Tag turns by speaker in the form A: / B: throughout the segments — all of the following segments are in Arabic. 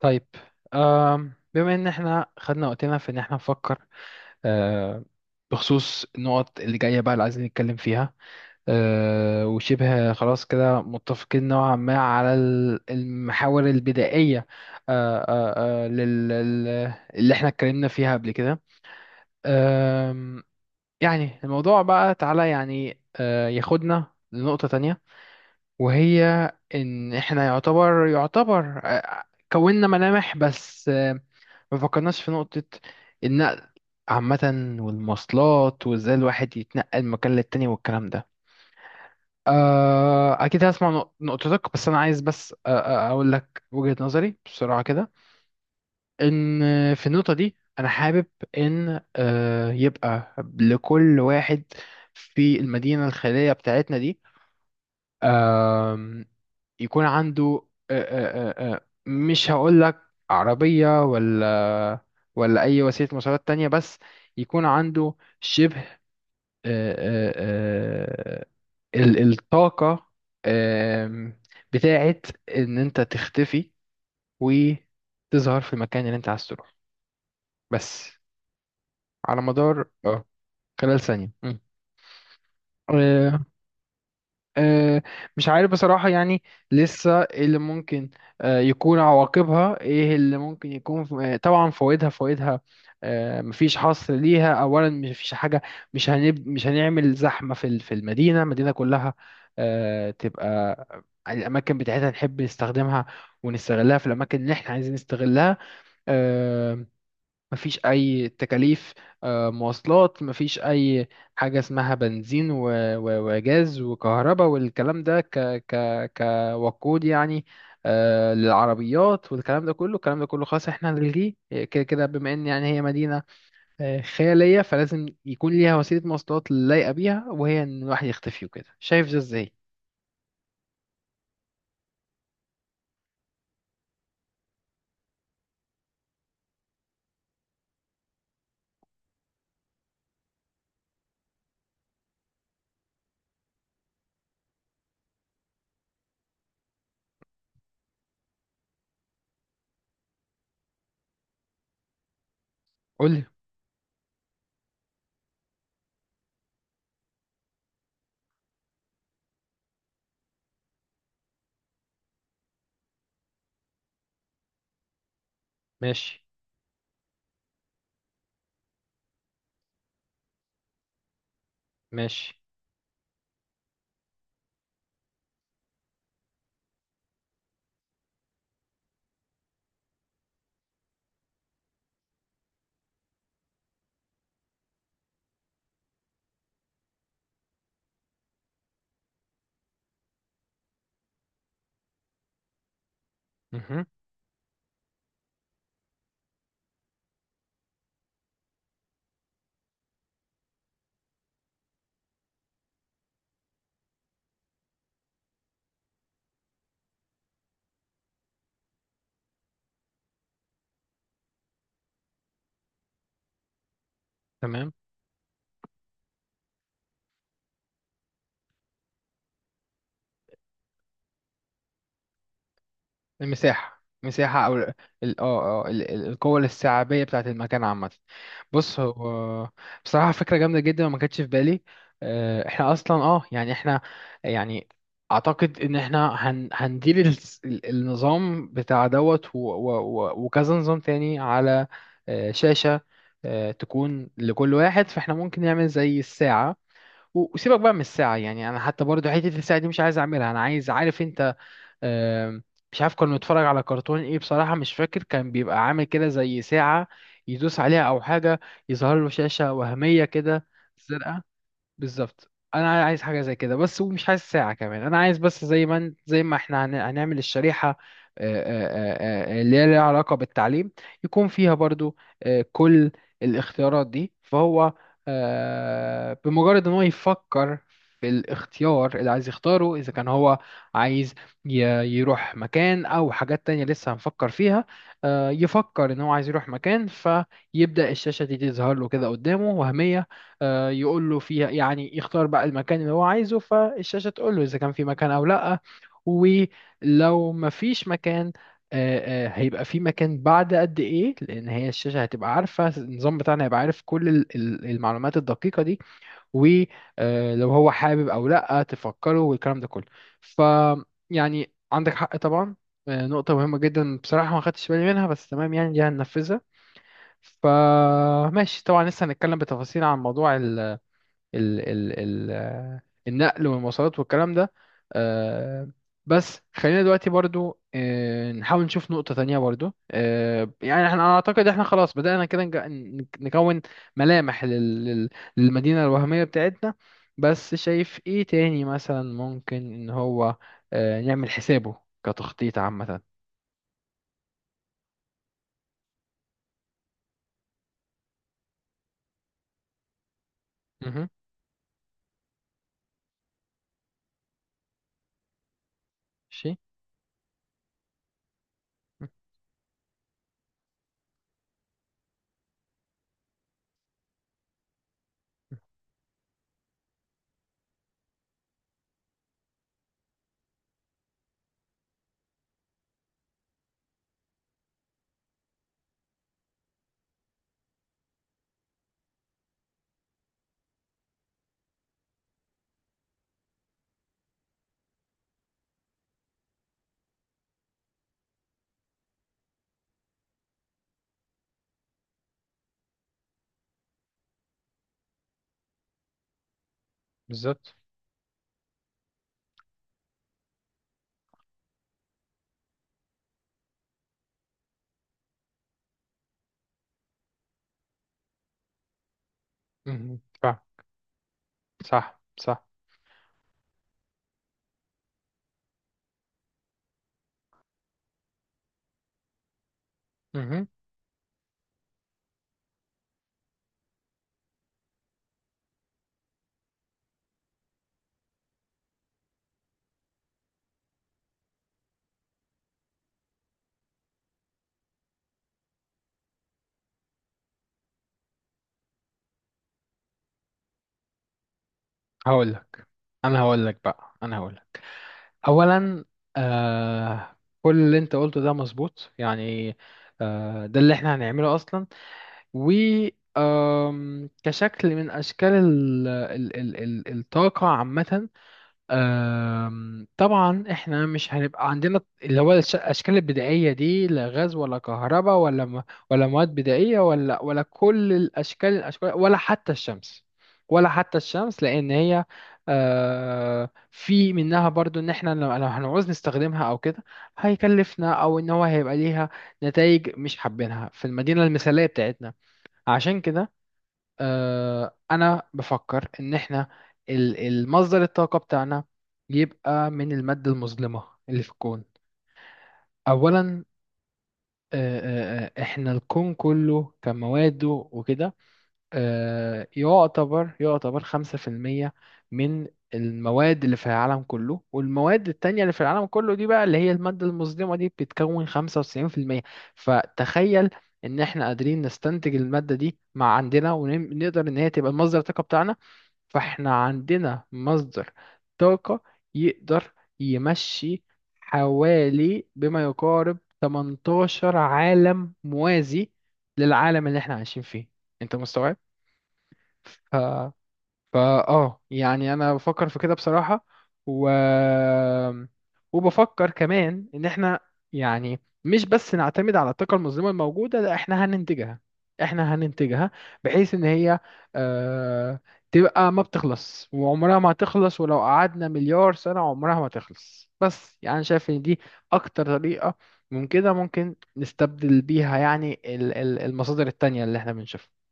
A: طيب. بما ان احنا خدنا وقتنا في ان احنا نفكر، آه، بخصوص النقط اللي جاية بقى اللي عايزين نتكلم فيها. وشبه خلاص كده متفقين نوعا ما على المحاور البدائية اللي احنا اتكلمنا فيها قبل كده. آم، يعني الموضوع بقى تعالى يعني ياخدنا لنقطة تانية، وهي ان احنا يعتبر كوننا ملامح بس، ما فكرناش في نقطة النقل عامة والمواصلات وازاي الواحد يتنقل من مكان للتاني والكلام ده. أكيد هسمع نقطتك، بس أنا عايز بس أقول لك وجهة نظري بسرعة كده. إن في النقطة دي أنا حابب إن يبقى لكل واحد في المدينة الخيرية بتاعتنا دي، آه، أم، يكون عنده مش هقول لك عربية ولا أي وسيلة مواصلات تانية، بس يكون عنده شبه آه، آه، آه، الطاقة آم، بتاعت إن أنت تختفي وتظهر في المكان اللي أنت عايز تروح، بس على مدار خلال ثانية. مم. آه، مش عارف بصراحة، يعني لسه إيه اللي ممكن يكون عواقبها، ايه اللي ممكن يكون طبعا فوائدها فوائدها، مفيش حصر ليها. اولا، مفيش حاجة. مش هنعمل زحمة في المدينة كلها. تبقى الاماكن بتاعتها نحب نستخدمها ونستغلها في الاماكن اللي احنا عايزين نستغلها. آه، مفيش أي تكاليف مواصلات، مفيش أي حاجة اسمها بنزين وجاز وكهرباء والكلام ده ك ك كوقود يعني، للعربيات والكلام ده كله. الكلام ده كله خلاص احنا هنلغيه، كده كده بما ان يعني هي مدينة خيالية، فلازم يكون ليها وسيلة مواصلات لايقة بيها، وهي ان الواحد يختفي وكده. شايف ده ازاي؟ قولي. ماشي. ماشي. مهم. تمام. المساحة مساحة أو القوة الاستيعابية بتاعة المكان عامة. بص، هو بصراحة فكرة جامدة جدا وما كانتش في بالي. احنا أصلا يعني احنا يعني أعتقد إن احنا هندير النظام بتاع دوت وكذا نظام تاني على شاشة تكون لكل واحد. فاحنا ممكن نعمل زي الساعة وسيبك بقى من الساعة، يعني أنا حتى برضو حتة الساعة دي مش عايز أعملها. أنا عايز عارف أنت. آم، مش عارف كنا بنتفرج على كرتون ايه بصراحة، مش فاكر، كان بيبقى عامل كده زي ساعة يدوس عليها او حاجة يظهر له شاشة وهمية كده زرقاء. بالظبط، انا عايز حاجه زي كده بس، ومش عايز ساعه كمان. انا عايز بس زي ما زي ما احنا هنعمل الشريحه، اللي هي ليها علاقه بالتعليم، يكون فيها برضو كل الاختيارات دي. فهو بمجرد ان هو يفكر في الاختيار اللي عايز يختاره، اذا كان هو عايز ي- يروح مكان او حاجات تانية لسه هنفكر فيها، يفكر ان هو عايز يروح مكان فيبدأ الشاشة دي تظهر له كده قدامه وهمية، يقول له فيها يعني يختار بقى المكان اللي هو عايزه، فالشاشة تقول له إذا كان في مكان أو لأ. ولو مفيش مكان هيبقى في مكان بعد قد إيه، لأن هي الشاشة هتبقى عارفة. النظام بتاعنا هيبقى عارف كل المعلومات الدقيقة دي، ولو هو حابب أو لأ تفكره والكلام ده كله. ف يعني عندك حق طبعا، نقطة مهمة جدا بصراحة ما خدتش بالي منها، بس تمام يعني دي هننفذها. فماشي طبعا، لسه هنتكلم بتفاصيل عن موضوع ال ال ال آه، النقل والمواصلات والكلام ده، آه، بس خلينا دلوقتي برضو نحاول نشوف نقطة تانية برضو. يعني أنا اعتقد احنا خلاص بدأنا كده نكون ملامح للمدينة الوهمية بتاعتنا. بس شايف ايه تاني مثلا ممكن ان هو نعمل حسابه كتخطيط عامة؟ مهم. شي. مم. بالظبط. مهم. صح. صح. مهم. هقولك انا هقولك بقى انا هقولك اولا. كل اللي انت قلته ده مظبوط يعني، ده اللي احنا هنعمله اصلا. و آم، كشكل من اشكال ال ال ال ال الطاقه عامه. طبعا احنا مش هنبقى عندنا اللي هو الاشكال البدائيه دي، لا غاز ولا كهرباء ولا ولا مواد بدائيه ولا كل الاشكال الاشكال ولا حتى الشمس. ولا حتى الشمس لان هي، في منها برضو ان احنا لو هنعوز نستخدمها او كده هيكلفنا، او ان هو هيبقى ليها نتائج مش حابينها في المدينه المثاليه بتاعتنا. عشان كده، انا بفكر ان احنا المصدر الطاقة بتاعنا يبقى من المادة المظلمة اللي في الكون اولا. آه، احنا الكون كله كمواده وكده يعتبر 5% من المواد اللي في العالم كله. والمواد التانية اللي في العالم كله دي بقى اللي هي المادة المظلمة دي بتتكون 95%. فتخيل ان احنا قادرين نستنتج المادة دي مع عندنا ونقدر ان هي تبقى المصدر الطاقة بتاعنا. فاحنا عندنا مصدر طاقة يقدر يمشي حوالي بما يقارب 18 عالم موازي للعالم اللي احنا عايشين فيه. انت مستوعب؟ فاه يعني انا بفكر في كده بصراحة، و... وبفكر كمان ان احنا يعني مش بس نعتمد على الطاقة المظلمة الموجودة، لا احنا هننتجها. احنا هننتجها بحيث ان هي آه تبقى ما بتخلص، وعمرها ما هتخلص ولو قعدنا مليار سنة عمرها ما تخلص. بس يعني شايف ان دي اكتر طريقة من كده ممكن نستبدل بيها يعني المصادر التانية اللي احنا بنشوفها.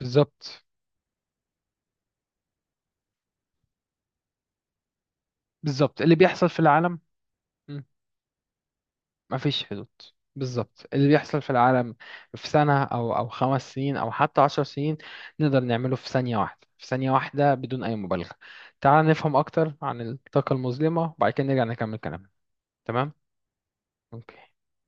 A: بالظبط. بالظبط اللي بيحصل في العالم، مفيش حدود. بالظبط اللي بيحصل في العالم في سنة أو 5 سنين أو حتى 10 سنين نقدر نعمله في ثانية واحدة، في ثانية واحدة بدون أي مبالغة. تعال نفهم أكتر عن الطاقة المظلمة وبعد كده نرجع نكمل كلامنا، تمام؟ أوكي.